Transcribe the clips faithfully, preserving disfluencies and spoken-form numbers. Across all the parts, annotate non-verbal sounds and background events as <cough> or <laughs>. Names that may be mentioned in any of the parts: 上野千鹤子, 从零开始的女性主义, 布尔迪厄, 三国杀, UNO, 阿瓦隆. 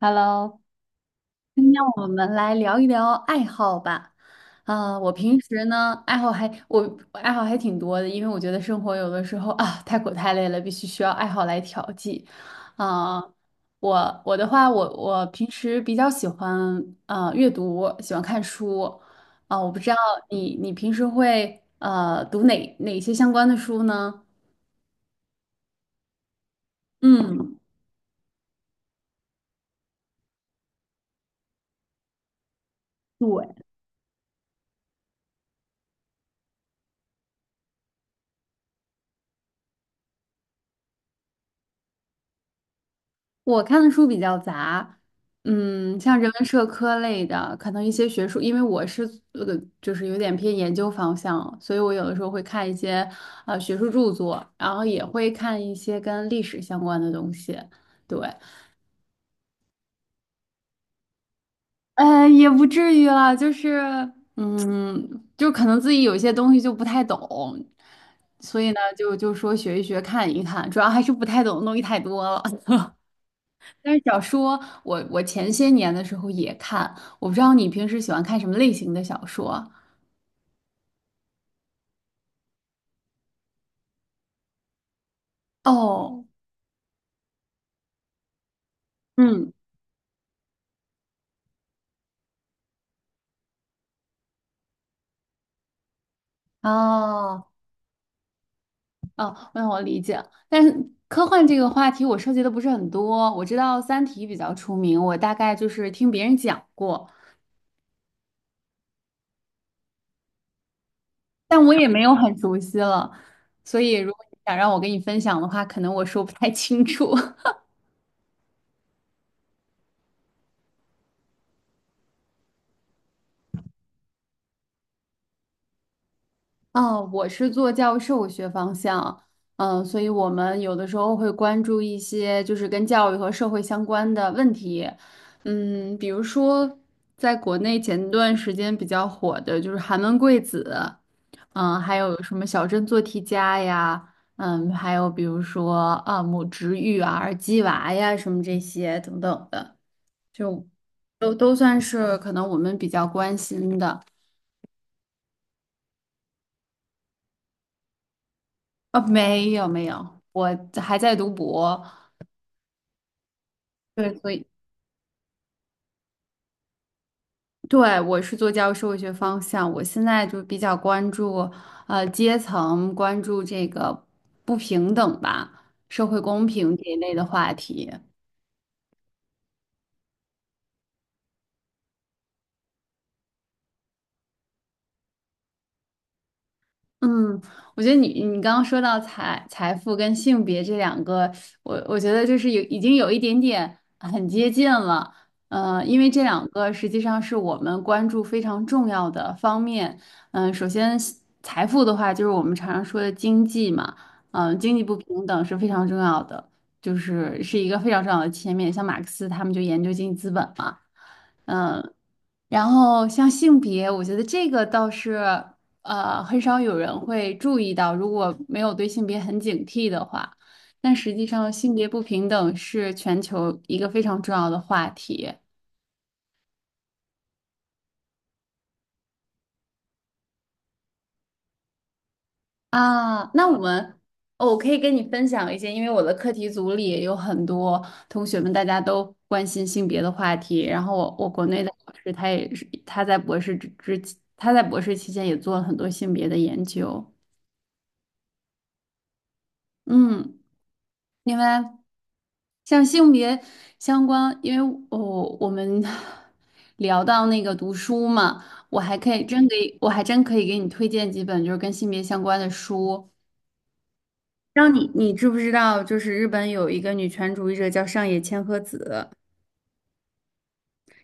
Hello，今天我们来聊一聊爱好吧。啊、我平时呢，爱好还我我爱好还挺多的，因为我觉得生活有的时候啊太苦太累了，必须需要爱好来调剂。啊、我我的话，我我平时比较喜欢呃阅读，喜欢看书。啊、我不知道你你平时会呃读哪哪些相关的书呢？嗯。对。我看的书比较杂，嗯，像人文社科类的，可能一些学术，因为我是呃，就是有点偏研究方向，所以我有的时候会看一些呃学术著作，然后也会看一些跟历史相关的东西。对，呃，也不至于啦，就是嗯，就可能自己有一些东西就不太懂，所以呢，就就说学一学，看一看，主要还是不太懂的东西太多了。但是小说，我我前些年的时候也看，我不知道你平时喜欢看什么类型的小说。哦，嗯，哦哦，那我理解。但是科幻这个话题我涉及的不是很多，我知道《三体》比较出名，我大概就是听别人讲过，但我也没有很熟悉了，所以如果你想让我跟你分享的话，可能我说不太清楚。哦，我是做教授学方向。嗯，所以我们有的时候会关注一些就是跟教育和社会相关的问题，嗯，比如说在国内前段时间比较火的就是寒门贵子。嗯，还有什么小镇做题家呀。嗯，还有比如说啊母职育儿、鸡娃呀什么这些等等的，就都都算是可能我们比较关心的。啊，没有没有，我还在读博。对，所以对我是做教育社会学方向，我现在就比较关注呃阶层，关注这个不平等吧，社会公平这一类的话题。嗯，我觉得你你刚刚说到财财富跟性别这两个，我我觉得就是有已经有一点点很接近了，呃，因为这两个实际上是我们关注非常重要的方面。嗯、首先财富的话，就是我们常常说的经济嘛，嗯、经济不平等是非常重要的，就是是一个非常重要的切面。像马克思他们就研究经济资本嘛。嗯。然后像性别，我觉得这个倒是呃很少有人会注意到，如果没有对性别很警惕的话，但实际上性别不平等是全球一个非常重要的话题啊。那我们，哦，我可以跟你分享一些，因为我的课题组里也有很多同学们，大家都关心性别的话题。然后我我国内的老师他也是他在博士之之他在博士期间也做了很多性别的研究。嗯。另外，像性别相关，因为我我们 <laughs> 聊到那个读书嘛，我还可以真给，我还真可以给你推荐几本就是跟性别相关的书。让你你知不知道，就是日本有一个女权主义者叫上野千鹤子。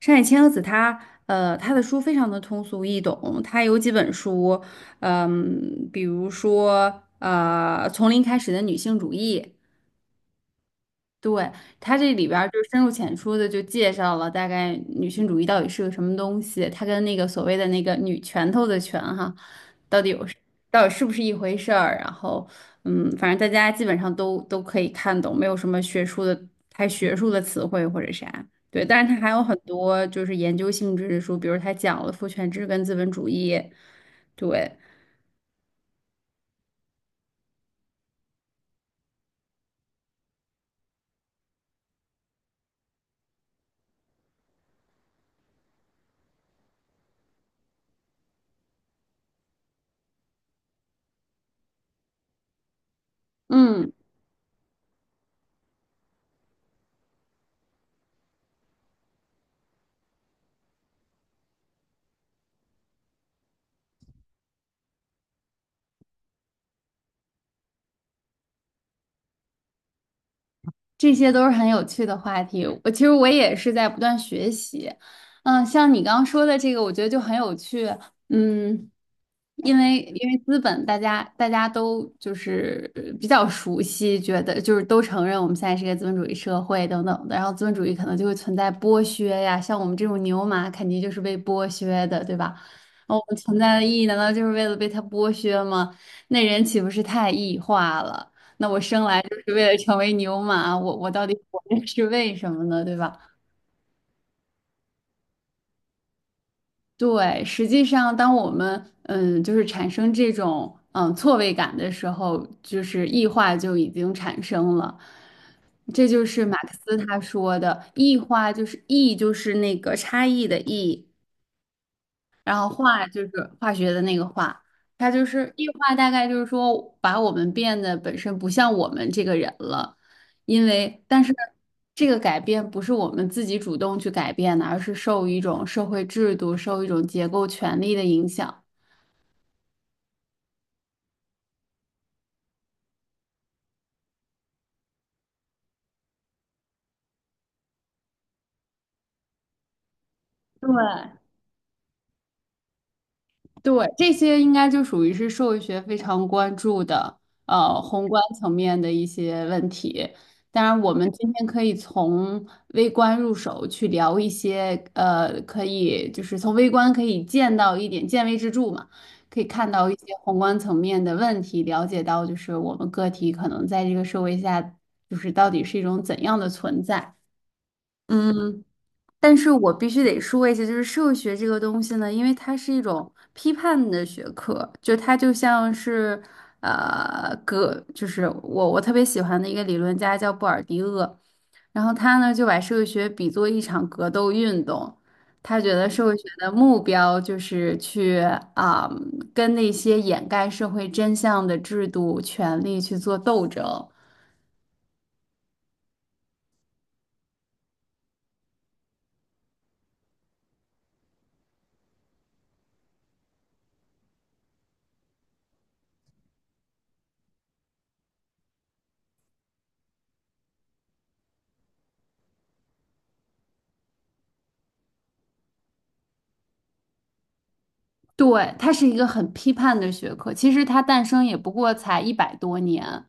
上野千鹤子她呃她的书非常的通俗易懂，她有几本书，嗯，比如说呃《从零开始的女性主义》。对，它这里边儿就深入浅出的就介绍了大概女性主义到底是个什么东西，它跟那个所谓的那个女拳头的拳哈，到底是不是一回事儿。然后，嗯，反正大家基本上都都可以看懂，没有什么学术的太学术的词汇或者啥。对，但是它还有很多就是研究性质的书，比如它讲了父权制跟资本主义。对，嗯。这些都是很有趣的话题。我其实我也是在不断学习，嗯，像你刚刚说的这个，我觉得就很有趣。嗯，因为因为资本，大家大家都就是呃比较熟悉，觉得就是都承认我们现在是一个资本主义社会等等的，然后资本主义可能就会存在剥削呀，像我们这种牛马肯定就是被剥削的，对吧？那我们存在的意义难道就是为了被他剥削吗？那人岂不是太异化了？那我生来就是为了成为牛马，我我到底活着是为什么呢？对吧？对，实际上，当我们嗯，就是产生这种嗯错位感的时候，就是异化就已经产生了。这就是马克思他说的异化，就是异，就是那个差异的异，然后化就是化学的那个化，它就是异化，大概就是说把我们变得本身不像我们这个人了，因为但是这个改变不是我们自己主动去改变的，而是受一种社会制度、受一种结构权力的影响。对，对，这些应该就属于是社会学非常关注的，呃，宏观层面的一些问题。当然，我们今天可以从微观入手去聊一些，呃，可以就是从微观可以见到一点见微知著嘛，可以看到一些宏观层面的问题，了解到就是我们个体可能在这个社会下，就是到底是一种怎样的存在。嗯，但是我必须得说一下，就是社会学这个东西呢，因为它是一种批判的学科，就它就像是，呃，格，就是我我特别喜欢的一个理论家叫布尔迪厄，然后他呢就把社会学比作一场格斗运动，他觉得社会学的目标就是去啊、跟那些掩盖社会真相的制度、权利去做斗争。对，它是一个很批判的学科，其实它诞生也不过才一百多年。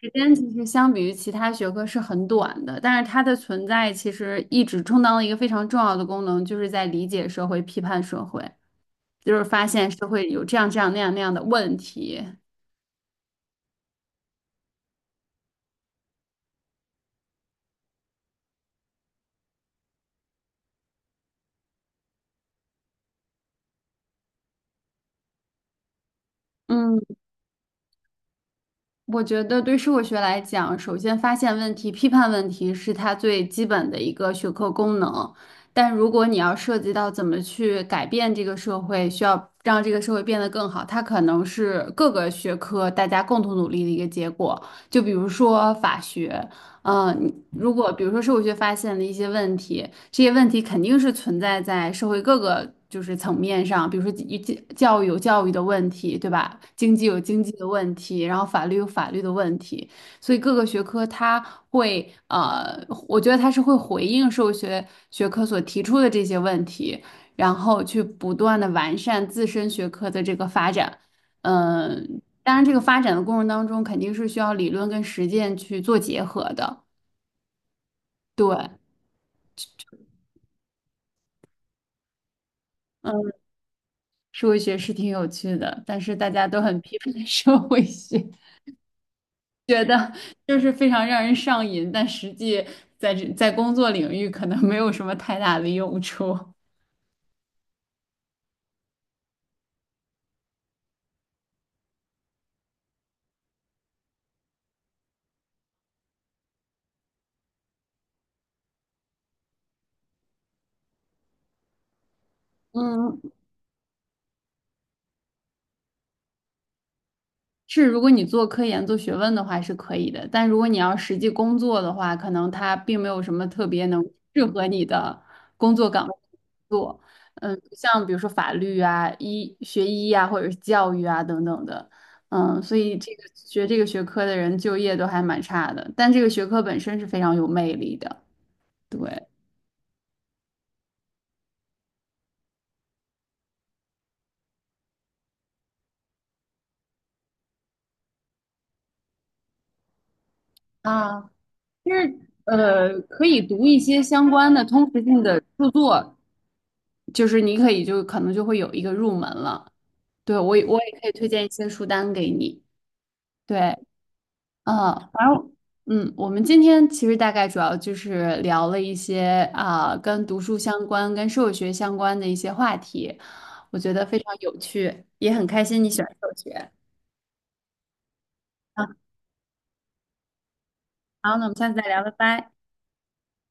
时间其实相比于其他学科是很短的，但是它的存在其实一直充当了一个非常重要的功能，就是在理解社会、批判社会，就是发现社会有这样这样那样那样的问题。嗯。我觉得对社会学来讲，首先发现问题、批判问题是它最基本的一个学科功能。但如果你要涉及到怎么去改变这个社会，需要让这个社会变得更好，它可能是各个学科大家共同努力的一个结果。就比如说法学。嗯，你如果比如说社会学发现了一些问题，这些问题肯定是存在在社会各个就是层面上，比如说教教育有教育的问题，对吧？经济有经济的问题，然后法律有法律的问题，所以各个学科它会呃，我觉得它是会回应社会学学科所提出的这些问题，然后去不断的完善自身学科的这个发展。嗯，当然，这个发展的过程当中，肯定是需要理论跟实践去做结合的。对，嗯，社会学是挺有趣的，但是大家都很批判 <laughs> 社会学，觉得就是非常让人上瘾，但实际在这在工作领域可能没有什么太大的用处。嗯，是，如果你做科研、做学问的话是可以的，但如果你要实际工作的话，可能它并没有什么特别能适合你的工作岗位做。嗯，像比如说法律啊、医学医啊，或者是教育啊等等的。嗯，所以这个学这个学科的人就业都还蛮差的，但这个学科本身是非常有魅力的。对。啊，就是呃，可以读一些相关的通识性的著作，就是你可以就可能就会有一个入门了。对，我也我也可以推荐一些书单给你。对，嗯，反正，嗯，我们今天其实大概主要就是聊了一些啊、跟读书相关、跟社会学相关的一些话题，我觉得非常有趣，也很开心你喜欢社会学。啊，好，那我们下次再聊，拜拜。